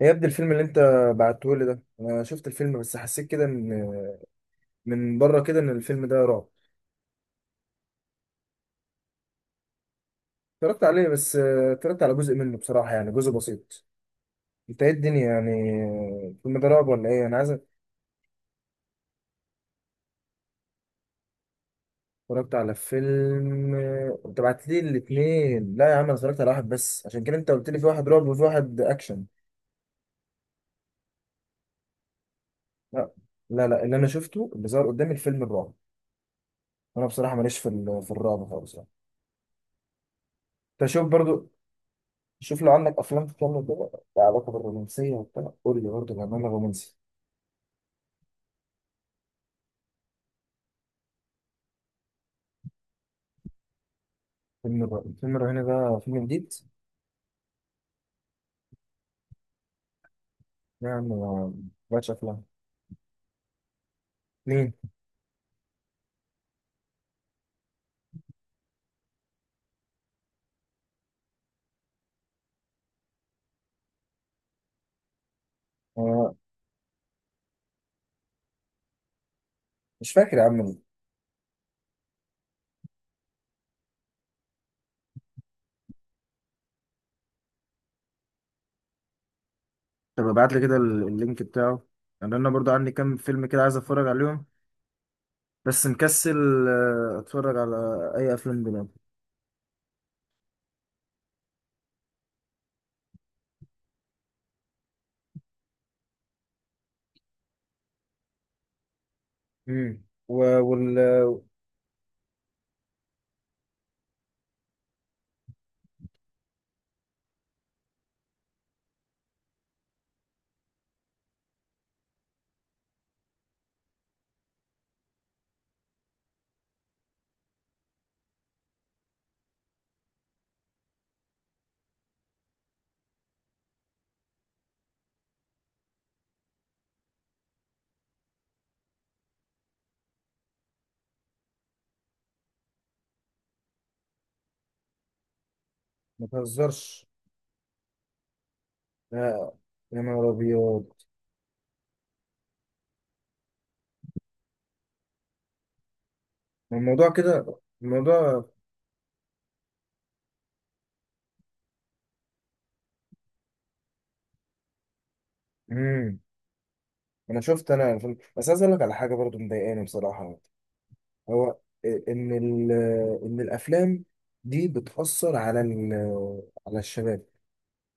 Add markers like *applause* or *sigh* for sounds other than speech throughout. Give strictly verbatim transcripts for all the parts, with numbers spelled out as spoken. إيه يا ابني الفيلم اللي انت بعته لي ده، انا شفت الفيلم بس حسيت كده ان من بره كده ان الفيلم ده رعب. اتفرجت عليه بس آه، اتفرجت على جزء منه بصراحة، يعني جزء بسيط. انت ايه الدنيا يعني آه، الفيلم ده رعب ولا ايه؟ انا عايز اتفرجت على فيلم آه، انت بعت لي الاثنين. لا يا عم، انا اتفرجت على واحد بس، عشان كده انت قلت لي في واحد رعب وفي واحد اكشن. لا. لا لا اللي انا شفته اللي ظهر قدامي الفيلم الرعب. انا بصراحة ماليش في ال- في الرعب خالص يعني. انت شوف برضو. شوف لو عندك افلام تتكلم كده، لها علاقه بالرومانسيه وبتاع، قول لي برضه بأمانة رومانسي. فيلم الر- فيلم الرهينه ده فيلم جديد؟ يعني ما بقتش افلام. مين؟ آه، مش فاكر يا عم مين. طب ابعت لي كده ال- اللينك بتاعه، لان انا برضو عندي كام فيلم كده عايز اتفرج عليهم، بس مكسل آه، اتفرج على اي افلام دلوقتي. امم و- وال ما تهزرش. لا، يا نهار ابيض. ما الموضوع كده الموضوع. امم انا شفت انا فيلم، بس عايز اقول لك على حاجه برضو مضايقاني بصراحه. هو ان ال- ان الافلام دي بتاثر على ال- على الشباب.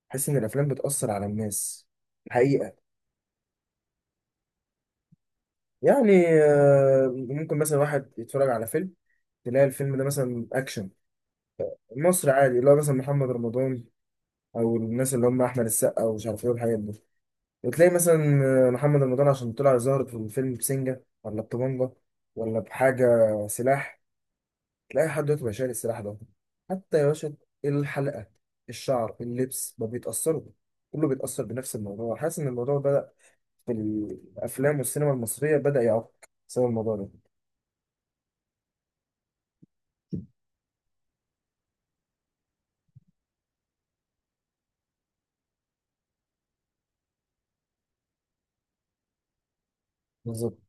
بحس ان الافلام بتاثر على الناس الحقيقه. يعني آه، ممكن مثلا واحد يتفرج على فيلم، تلاقي الفيلم ده مثلا اكشن مصر عادي، اللي هو مثلا محمد رمضان او الناس اللي هم احمد السقا ومش عارف ايه والحاجات دي، وتلاقي مثلا آه، محمد رمضان عشان طلع ظاهر في الفيلم بسنجه ولا بطبنجه ولا بحاجه، سلاح، تلاقي حد دلوقتي بقى شايل السلاح ده. حتى يا باشا الحلقة، الشعر، اللبس، ما بيتأثروا، كله بيتأثر بنفس الموضوع. حاسس إن الموضوع بدأ في الأفلام والسينما المصرية بدأ يعق بسبب الموضوع ده. بالظبط.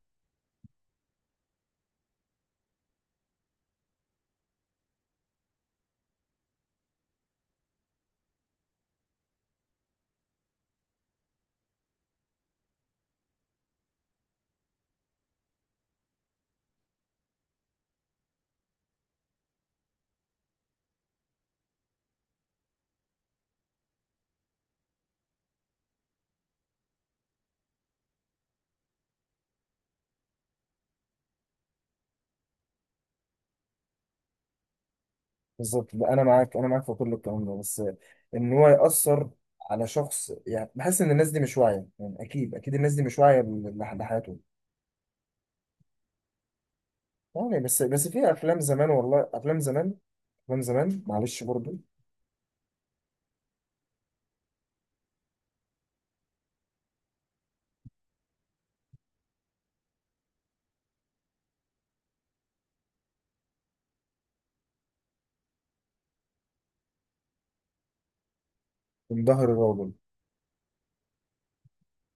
بالظبط، لا، أنا معاك، أنا معاك في كل الكلام ده، بس إن هو يأثر على شخص. يعني بحس إن الناس دي مش واعية، يعني أكيد أكيد الناس دي مش واعية بال- لح- لحياتهم. يعني بس بس في أفلام زمان، والله أفلام زمان. أفلام زمان معلش برضه. من ظهر الرجل.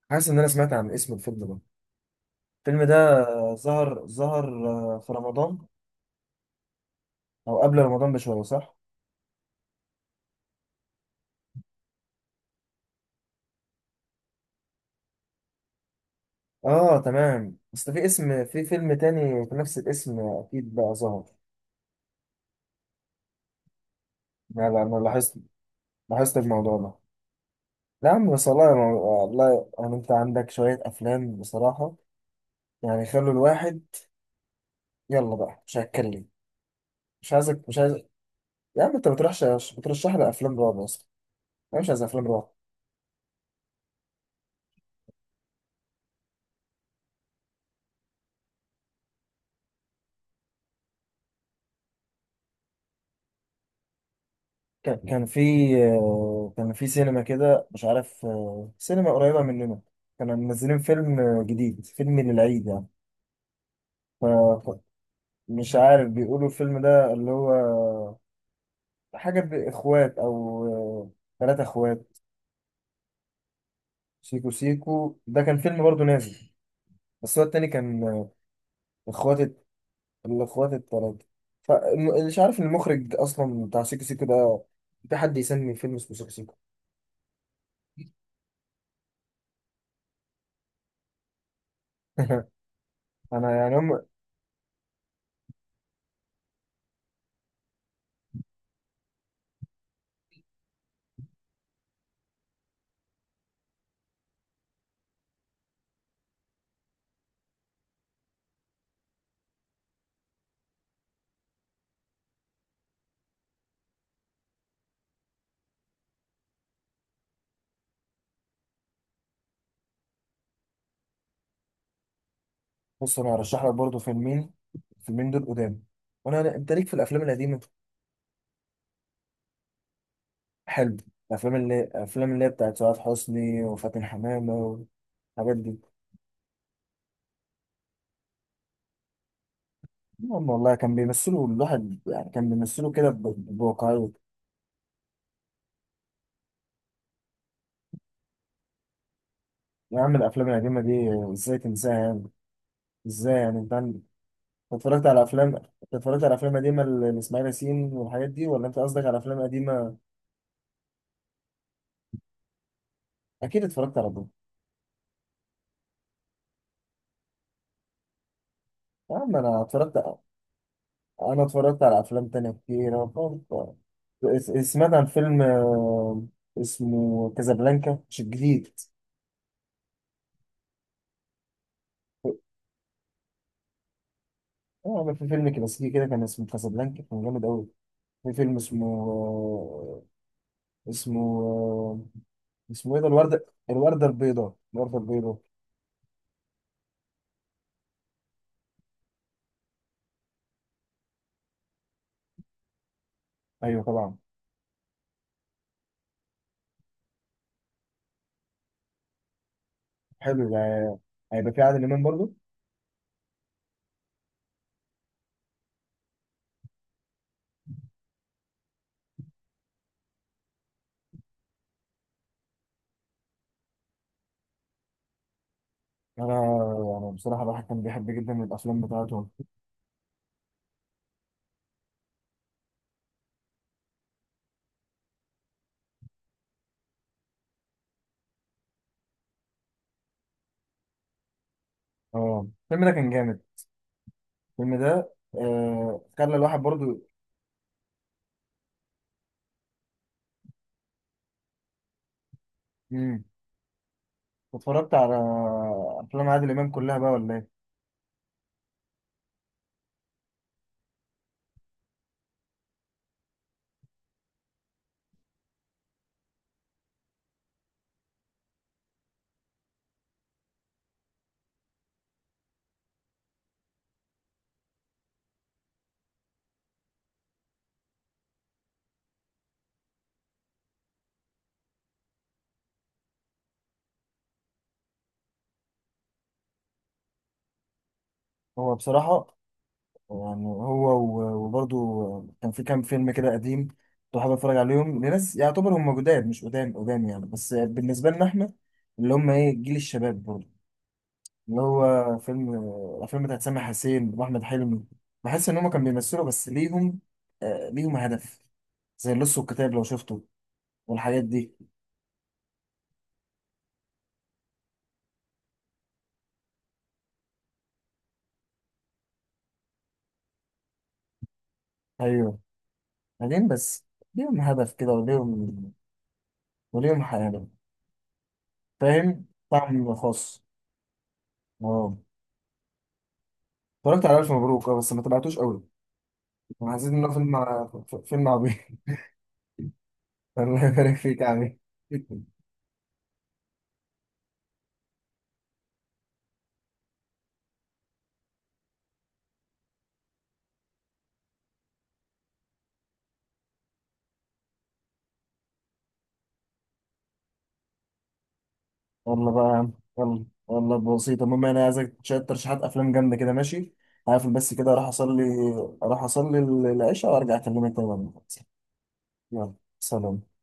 حاسس إن أنا سمعت عن اسم الفيلم ده، الفيلم ده. ظهر ظهر. آه، في رمضان او قبل رمضان بشويه، صح؟ اه تمام، بس في اسم، في فيلم تاني في نفس الاسم اكيد بقى ظهر. لا لا انا لاحظت، لاحظت الموضوع ده. لا يا عم، بس والله والله يعني انت عندك شويه افلام بصراحه، يعني خلوا الواحد، يلا بقى مش هتكلم. مش عايزك، مش عايز. يا عم انت بترشح، بترشح لي افلام رعب اصلا، انا مش عايز افلام رعب. كان كان في آه، كان في سينما كده مش عارف آه، سينما قريبة مننا، كانوا منزلين فيلم آه، جديد، فيلم للعيد يعني. ف- ف- مش عارف بيقولوا الفيلم ده اللي هو حاجة بإخوات أو ثلاثة إخوات. سيكو سيكو ده كان فيلم برضه نازل، بس هو التاني كان آه، إخوات الت- الإخوات التلاتة. فمش عارف المخرج أصلا بتاع سيكو سيكو ده، في حد يسمي فيلم اسمه سيكو سيكو؟ *laughs* أنا يعني هم. بص انا هرشح لك برضه فيلمين، الفيلمين دول قدام، وانا انت ليك في الافلام القديمه حلو. الافلام اللي الافلام اللي هي بتاعت سعاد حسني وفاتن حمامه والحاجات دي. المهم والله كان بيمثلوا، الواحد يعني كان بيمثلوا كده ب- بواقعيه. يا عم الافلام القديمه دي ازاي تنساها يعني؟ ازاي يعني انت عن- أنت اتفرجت على افلام؟ أنت اتفرجت على افلام قديمه ل- لاسماعيل ياسين والحاجات دي، ولا انت قصدك على افلام قديمه؟ اكيد اتفرجت على دول. يا عم انا اتفرجت، انا اتفرجت على افلام تانية كتير. أنا اتفرجت، س- سمعت عن فيلم آه، اسمه كازابلانكا، مش الجديد. اه، في فيلم كلاسيكي كده كان اسمه كازابلانكا، كان جامد قوي. في فيلم اسمه آه، اسمه آه، اسمه ايه ده، الوردة الوردة البيضاء، الوردة البيضاء. ايوه طبعا. حلو ده، هيبقى في عادل امام برضه. انا انا بصراحة الواحد كان بيحب جدا الافلام بتاعته. اه الفيلم ده كان جامد، الفيلم ده آه، خلى الواحد برضه. اتفرجت على افلام عادل امام كلها بقى ولا ايه؟ هو بصراحه يعني، هو و- وبرضه كان في كام فيلم كده قديم، كنت حابب اتفرج عليهم، لناس يعتبر هم جداد مش قدام قدام يعني، بس بالنسبه لنا احنا اللي هم ايه جيل الشباب برضه. اللي هو فيلم الافلام بتاعت سامح حسين واحمد حلمي، بحس ان هم كانوا بيمثلوا بس ليهم آه ليهم هدف، زي اللص والكتاب لو شفته والحاجات دي. ايوه. بعدين بس ليهم هدف كده وليهم، وليهم حياة، فاهم، طعم خاص. اه اتفرجت على الف مبروك، اه، بس ما تبعتوش قوي، انا حسيت انه فيلم ع- ف- فيلم عبيط. *laughs* الله يبارك فيك يا عمي. يلا بقى يا عم، يلا والله بسيطة، المهم انا عايزك شوية ترشيحات افلام جامدة كده، ماشي؟ هقفل بس كده اروح اصلي. اروح اصلي العشاء وارجع اكلمك تاني بعد ما أخلص. يلا، سلام.